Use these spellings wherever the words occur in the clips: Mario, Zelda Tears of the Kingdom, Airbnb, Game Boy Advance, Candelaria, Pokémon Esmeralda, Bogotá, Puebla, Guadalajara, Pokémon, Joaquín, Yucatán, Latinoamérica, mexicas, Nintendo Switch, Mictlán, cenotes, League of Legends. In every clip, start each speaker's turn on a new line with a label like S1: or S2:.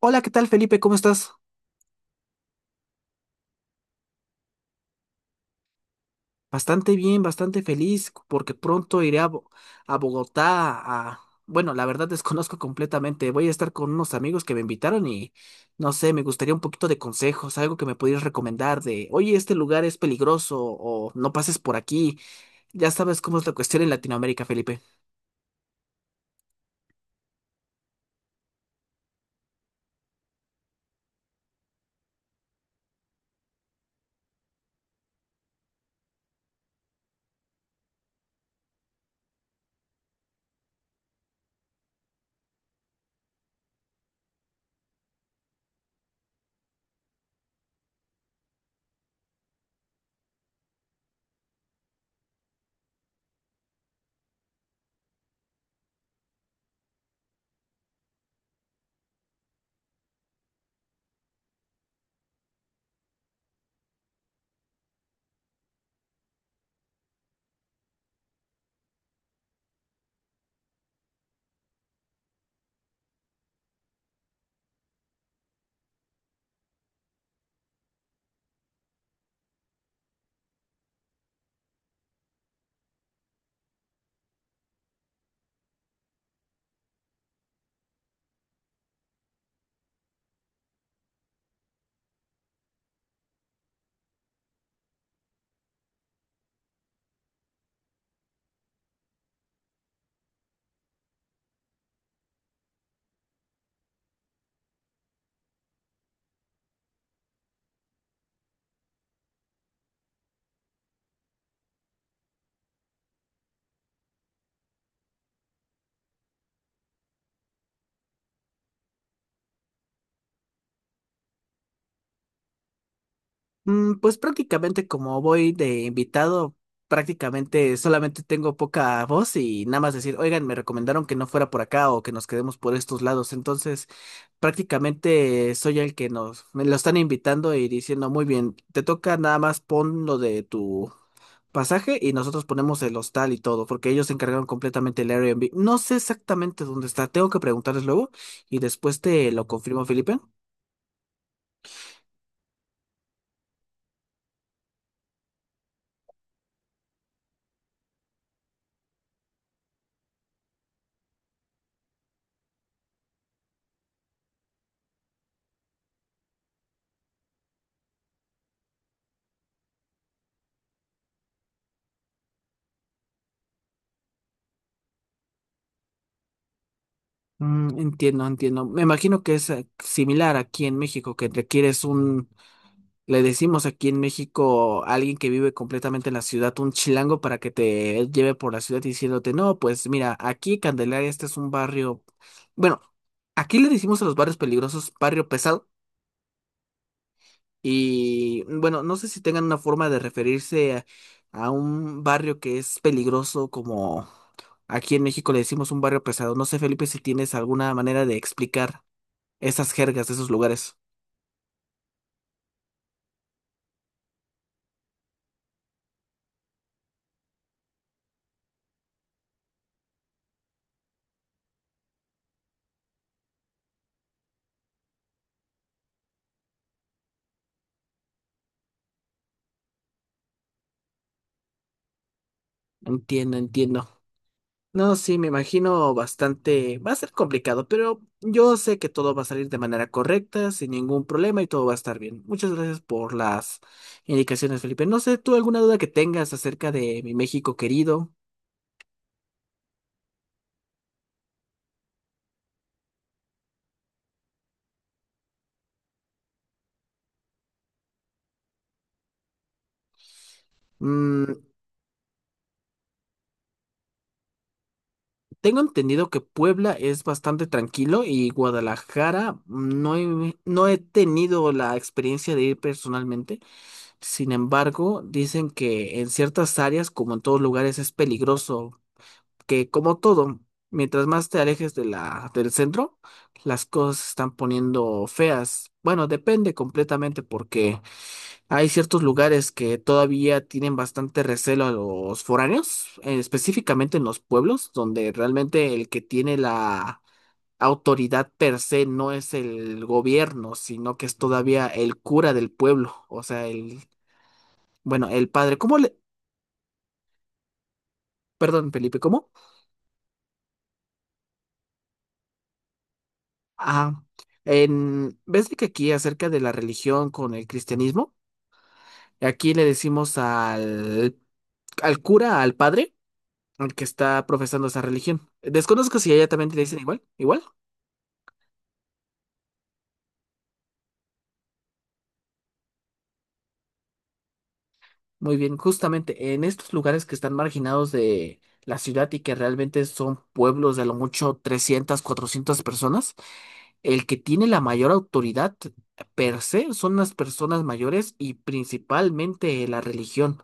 S1: Hola, ¿qué tal Felipe? ¿Cómo estás? Bastante bien, bastante feliz porque pronto iré a, a Bogotá a... Bueno, la verdad desconozco completamente. Voy a estar con unos amigos que me invitaron y no sé, me gustaría un poquito de consejos, algo que me pudieras recomendar de, oye, este lugar es peligroso o no pases por aquí. Ya sabes cómo es la cuestión en Latinoamérica, Felipe. Mm. Pues prácticamente como voy de invitado, prácticamente solamente tengo poca voz y nada más decir, oigan, me recomendaron que no fuera por acá o que nos quedemos por estos lados. Entonces, prácticamente soy el que nos, me lo están invitando y diciendo, muy bien, te toca nada más pon lo de tu pasaje y nosotros ponemos el hostal y todo, porque ellos se encargaron completamente el Airbnb. No sé exactamente dónde está, tengo que preguntarles luego y después te lo confirmo, Felipe. Mm, entiendo, entiendo. Me imagino que es similar aquí en México, que requieres un, le decimos aquí en México a alguien que vive completamente en la ciudad, un chilango para que te lleve por la ciudad diciéndote, no, pues mira, aquí Candelaria, este es un barrio, bueno, aquí le decimos a los barrios peligrosos barrio pesado y bueno, no sé si tengan una forma de referirse a un barrio que es peligroso como aquí en México le decimos un barrio pesado. No sé, Felipe, si tienes alguna manera de explicar esas jergas de esos lugares. Entiendo, entiendo. No, sí, me imagino bastante. Va a ser complicado, pero yo sé que todo va a salir de manera correcta, sin ningún problema y todo va a estar bien. Muchas gracias por las indicaciones, Felipe. No sé, ¿tú alguna duda que tengas acerca de mi México querido? Mm, tengo entendido que Puebla es bastante tranquilo y Guadalajara mm, no he tenido la experiencia de ir personalmente. Sin embargo, dicen que en ciertas áreas, como en todos lugares, es peligroso, que como todo, mientras más te alejes de la, del centro, las cosas se están poniendo feas. Bueno, depende completamente porque hay ciertos lugares que todavía tienen bastante recelo a los foráneos, específicamente en los pueblos, donde realmente el que tiene la autoridad per se no es el gobierno, sino que es todavía el cura del pueblo, o sea, el bueno, el padre, ¿cómo le... Perdón, Felipe, ¿cómo? Ah, en... ¿Ves de que aquí acerca de la religión con el cristianismo? Aquí le decimos al, al cura, al padre, al que está profesando esa religión. Desconozco si allá también te dicen igual, igual. Muy bien, justamente en estos lugares que están marginados de la ciudad y que realmente son pueblos de a lo mucho 300, 400 personas. El que tiene la mayor autoridad per se son las personas mayores y principalmente la religión.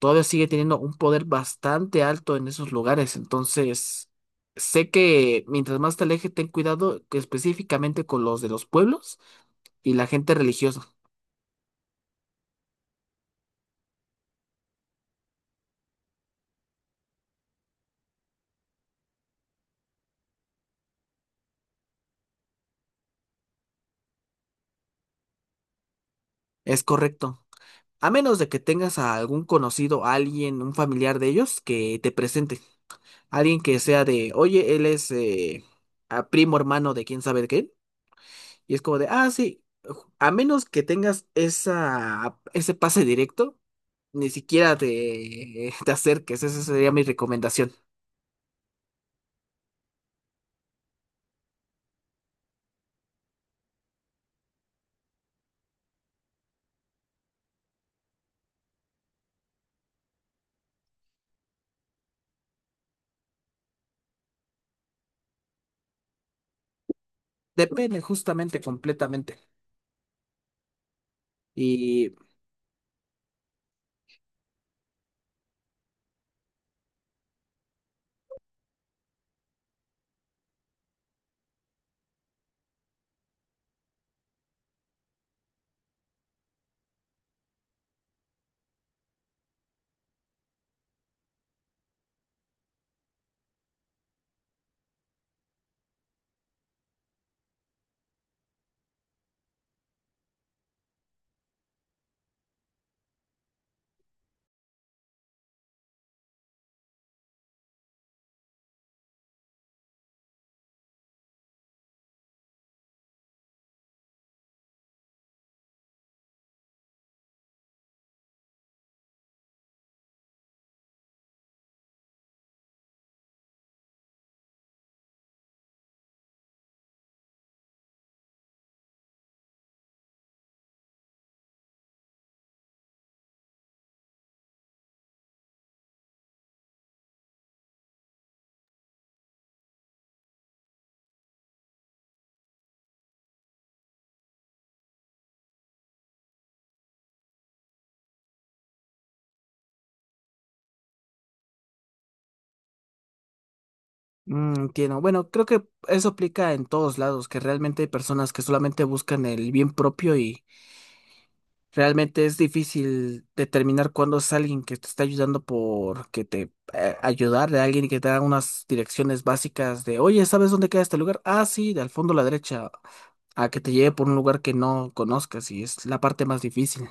S1: Todavía sigue teniendo un poder bastante alto en esos lugares. Entonces, sé que mientras más te alejes, ten cuidado que específicamente con los de los pueblos y la gente religiosa. Es correcto. A menos de que tengas a algún conocido, alguien, un familiar de ellos que te presente. Alguien que sea de, oye, él es a primo hermano de quién sabe qué. Y es como de, ah, sí, a menos que tengas esa, ese pase directo, ni siquiera te, te acerques. Esa sería mi recomendación. Depende justamente completamente. Y mm, entiendo. Bueno, creo que eso aplica en todos lados, que realmente hay personas que solamente buscan el bien propio y realmente es difícil determinar cuándo es alguien que te está ayudando porque te ayudar de alguien que te da unas direcciones básicas de, oye, ¿sabes dónde queda este lugar? Ah, sí, de al fondo a la derecha, a que te lleve por un lugar que no conozcas y es la parte más difícil.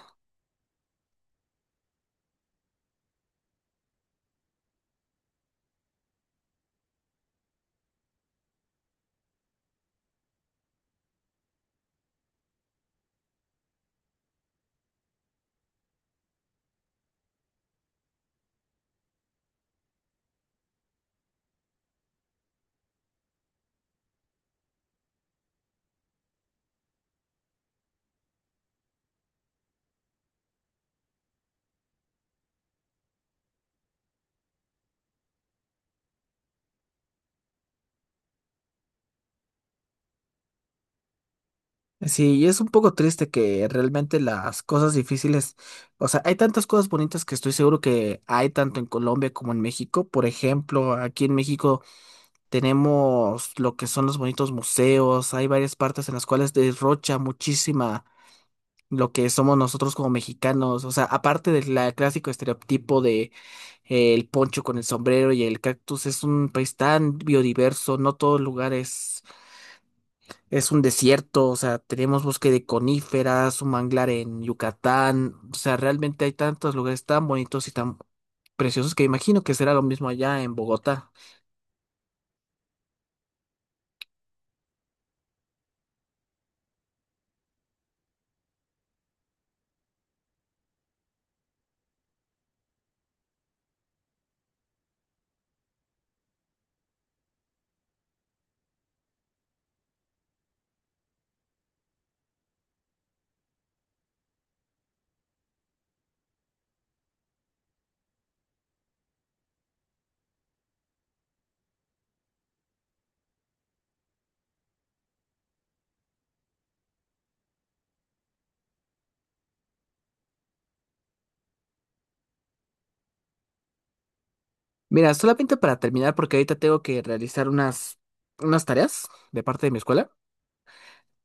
S1: Sí, y es un poco triste que realmente las cosas difíciles, o sea, hay tantas cosas bonitas que estoy seguro que hay tanto en Colombia como en México. Por ejemplo, aquí en México tenemos lo que son los bonitos museos, hay varias partes en las cuales derrocha muchísima lo que somos nosotros como mexicanos. O sea, aparte del clásico estereotipo de el poncho con el sombrero y el cactus, es un país tan biodiverso, no todo lugar es un desierto. O sea, tenemos bosque de coníferas, un manglar en Yucatán. O sea, realmente hay tantos lugares tan bonitos y tan preciosos que imagino que será lo mismo allá en Bogotá. Mira, solamente para terminar, porque ahorita tengo que realizar unas, unas tareas de parte de mi escuela.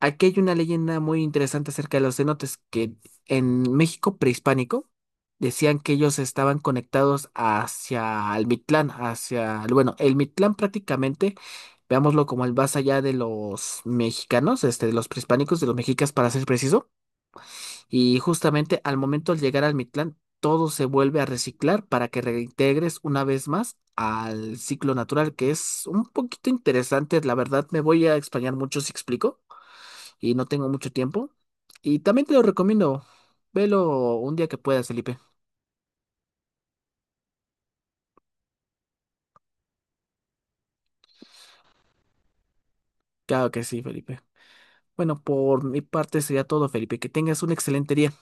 S1: Aquí hay una leyenda muy interesante acerca de los cenotes, que en México prehispánico decían que ellos estaban conectados hacia el Mictlán, hacia, bueno, el Mictlán prácticamente, veámoslo como el más allá de los mexicanos, este, de los prehispánicos, de los mexicas para ser preciso, y justamente al momento de llegar al Mictlán, todo se vuelve a reciclar para que reintegres una vez más al ciclo natural, que es un poquito interesante, la verdad me voy a extrañar mucho si explico y no tengo mucho tiempo. Y también te lo recomiendo. Velo un día que puedas, Felipe. Claro que sí, Felipe. Bueno, por mi parte sería todo, Felipe. Que tengas un excelente día.